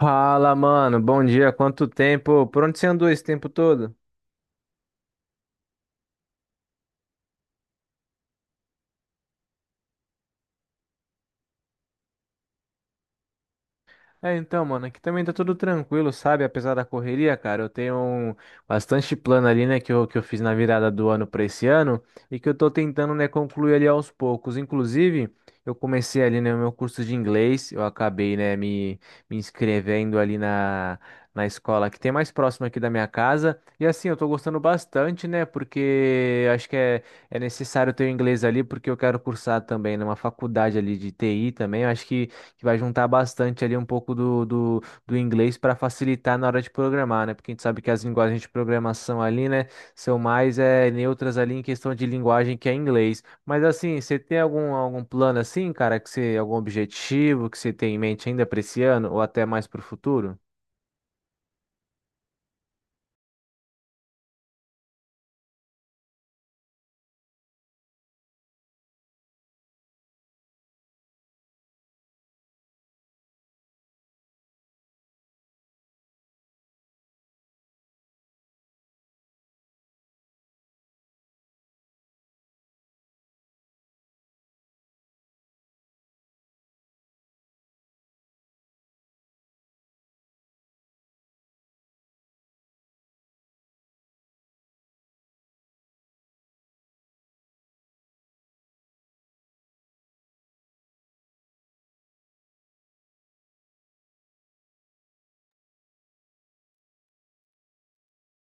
Fala, mano. Bom dia. Quanto tempo? Por onde você andou esse tempo todo? É, então, mano, aqui também tá tudo tranquilo, sabe? Apesar da correria, cara, bastante plano ali, né, que eu fiz na virada do ano pra esse ano e que eu tô tentando, né, concluir ali aos poucos. Inclusive, eu comecei ali, né, o meu curso de inglês, eu acabei, né, me inscrevendo ali na escola que tem mais próximo aqui da minha casa. E assim, eu tô gostando bastante, né, porque acho que é necessário ter o inglês ali, porque eu quero cursar também numa faculdade ali de TI também. Eu acho que vai juntar bastante ali um pouco do inglês para facilitar na hora de programar, né? Porque a gente sabe que as linguagens de programação ali, né, são mais neutras ali em questão de linguagem que é inglês. Mas assim, você tem algum plano assim, cara, que você, algum objetivo que você tem em mente ainda para esse ano ou até mais para o futuro?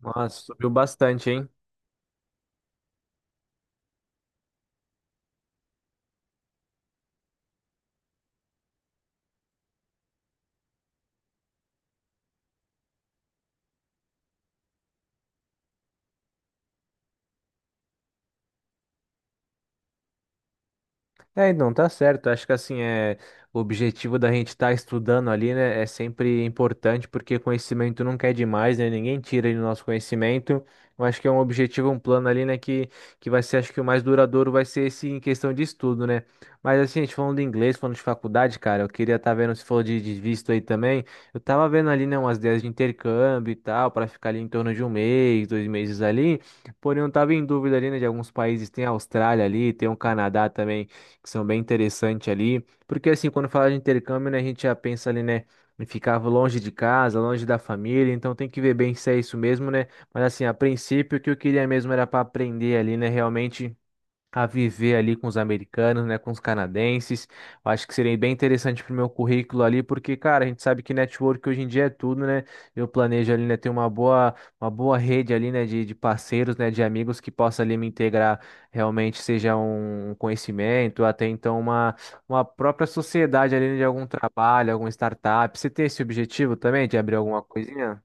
Nossa, subiu bastante, hein? É, não, tá certo. Acho que assim, é, o objetivo da gente estar estudando ali, né, é sempre importante, porque conhecimento nunca é demais, né? Ninguém tira ali o nosso conhecimento. Eu acho que é um objetivo, um plano ali, né, que vai ser, acho que o mais duradouro vai ser esse em questão de estudo, né? Mas assim, a gente falando de inglês, falando de faculdade, cara, eu queria estar vendo, se falou de visto aí também, eu tava vendo ali, né, umas ideias de intercâmbio e tal, para ficar ali em torno de um mês, dois meses ali, porém eu tava em dúvida ali, né, de alguns países, tem a Austrália ali, tem o Canadá também que são bem interessantes ali. Porque assim, quando fala de intercâmbio, né, a gente já pensa ali, né, em ficar longe de casa, longe da família, então tem que ver bem se é isso mesmo, né? Mas assim, a princípio, o que eu queria mesmo era para aprender ali, né, realmente a viver ali com os americanos, né, com os canadenses. Eu acho que seria bem interessante para o meu currículo ali, porque, cara, a gente sabe que network hoje em dia é tudo, né? Eu planejo ali, né, ter uma boa rede ali, né, de parceiros, né, de amigos que possa ali me integrar realmente, seja um conhecimento, até então uma própria sociedade ali, né, de algum trabalho, alguma startup. Você tem esse objetivo também de abrir alguma coisinha?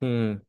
Sim.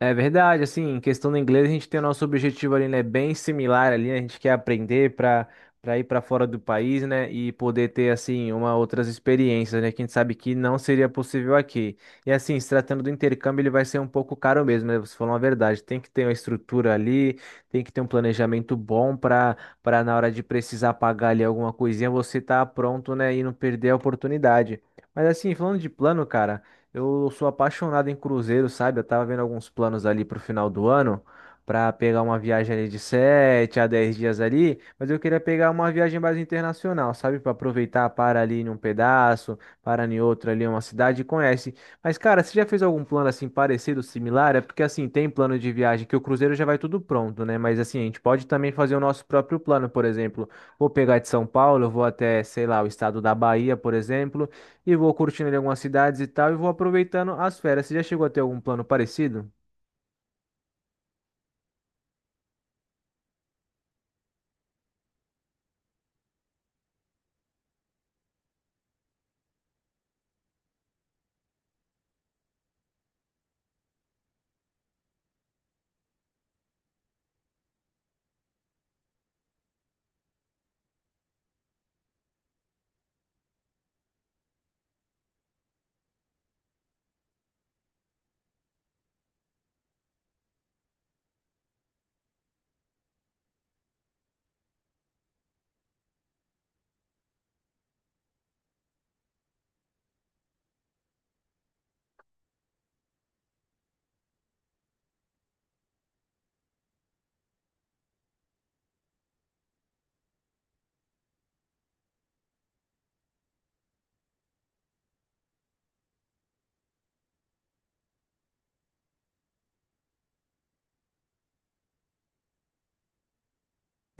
É verdade, assim, em questão do inglês, a gente tem o nosso objetivo ali, né, bem similar ali, né, a gente quer aprender para ir para fora do país, né, e poder ter, assim, uma outras experiências, né, que a gente sabe que não seria possível aqui. E, assim, se tratando do intercâmbio, ele vai ser um pouco caro mesmo, né, você falou uma verdade, tem que ter uma estrutura ali, tem que ter um planejamento bom para na hora de precisar pagar ali alguma coisinha, você tá pronto, né, e não perder a oportunidade. Mas, assim, falando de plano, cara. Eu sou apaixonado em cruzeiro, sabe? Eu tava vendo alguns planos ali pro final do ano pra pegar uma viagem ali de 7 a 10 dias ali, mas eu queria pegar uma viagem mais internacional, sabe? Pra aproveitar, para ali em um pedaço, para em outro ali uma cidade e conhece. Mas cara, você já fez algum plano assim parecido, similar? É porque assim, tem plano de viagem que o cruzeiro já vai tudo pronto, né? Mas assim, a gente pode também fazer o nosso próprio plano, por exemplo, vou pegar de São Paulo, eu vou até, sei lá, o estado da Bahia, por exemplo, e vou curtindo ali algumas cidades e tal, e vou aproveitando as férias. Você já chegou a ter algum plano parecido?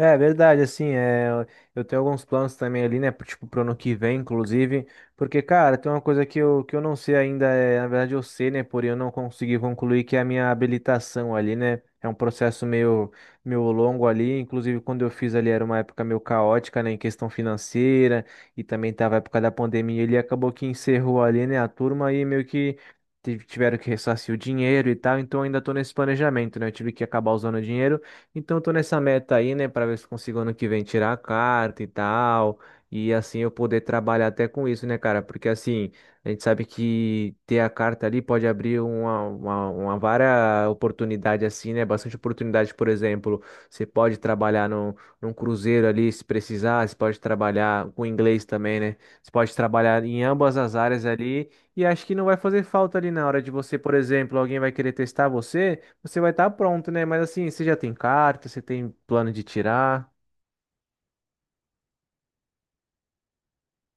É verdade, assim, é, eu tenho alguns planos também ali, né, tipo, pro ano que vem, inclusive, porque, cara, tem uma coisa que eu não sei ainda, é, na verdade eu sei, né, porém eu não consegui concluir, que é a minha habilitação ali, né, é um processo meio, meio longo ali, inclusive quando eu fiz ali era uma época meio caótica, né, em questão financeira, e também tava a época da pandemia, ele acabou que encerrou ali, né, a turma e meio que tiveram que ressarcir o dinheiro e tal, então eu ainda tô nesse planejamento, né, eu tive que acabar usando o dinheiro, então, eu tô nessa meta aí, né, para ver se consigo ano que vem tirar a carta e tal, e assim eu poder trabalhar até com isso, né, cara? Porque assim, a gente sabe que ter a carta ali pode abrir uma vara oportunidade, assim, né? Bastante oportunidade, por exemplo, você pode trabalhar num cruzeiro ali se precisar, você pode trabalhar com inglês também, né? Você pode trabalhar em ambas as áreas ali, e acho que não vai fazer falta ali na hora de você, por exemplo, alguém vai querer testar você. Você vai estar pronto, né? Mas assim, você já tem carta, você tem plano de tirar.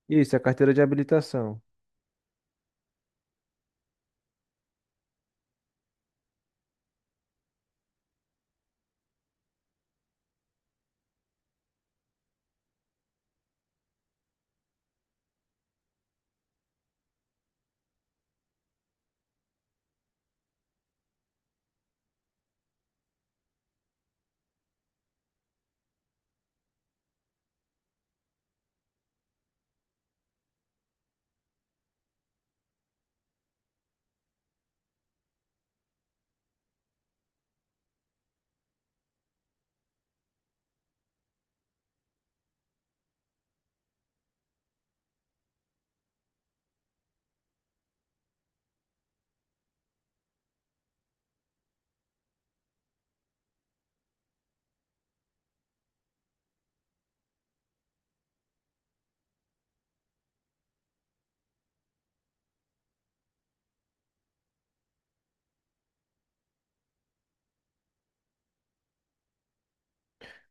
Isso, é a carteira de habilitação.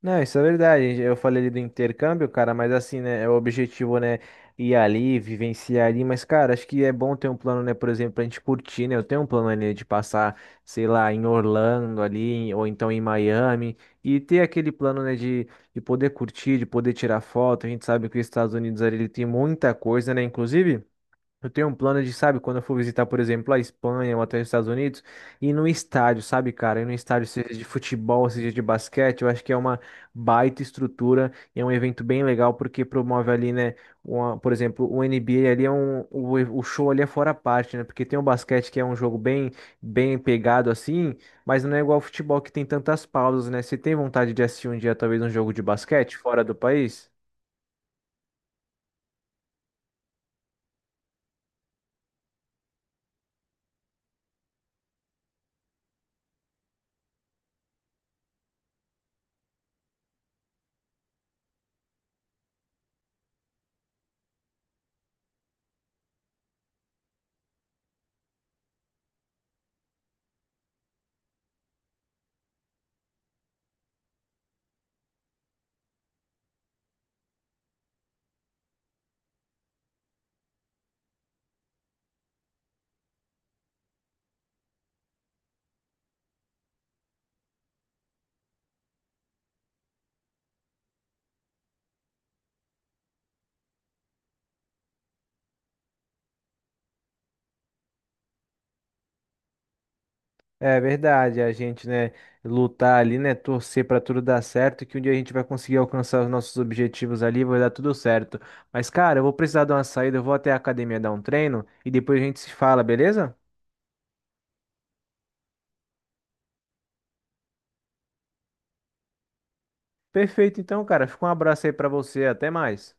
Não, isso é verdade. Eu falei ali do intercâmbio, cara, mas assim, né? É o objetivo, né? Ir ali, vivenciar ali. Mas, cara, acho que é bom ter um plano, né? Por exemplo, pra gente curtir, né? Eu tenho um plano ali né, de passar, sei lá, em Orlando ali, ou então em Miami. E ter aquele plano, né? De poder curtir, de poder tirar foto. A gente sabe que os Estados Unidos ali ele tem muita coisa, né? Inclusive. Eu tenho um plano de, sabe, quando eu for visitar, por exemplo, a Espanha ou até os Estados Unidos, ir num estádio, sabe, cara? Ir num estádio, seja de futebol, seja de basquete, eu acho que é uma baita estrutura e é um evento bem legal porque promove ali, né, uma- por exemplo, o NBA ali é um, o show ali é fora à parte, né? Porque tem o basquete que é um jogo bem, bem pegado assim, mas não é igual ao futebol que tem tantas pausas, né? Você tem vontade de assistir um dia, talvez, um jogo de basquete fora do país? É verdade, a gente, né, lutar ali, né, torcer pra tudo dar certo, que um dia a gente vai conseguir alcançar os nossos objetivos ali, vai dar tudo certo. Mas, cara, eu vou precisar de uma saída, eu vou até a academia dar um treino e depois a gente se fala, beleza? Perfeito, então, cara, fica um abraço aí pra você, até mais.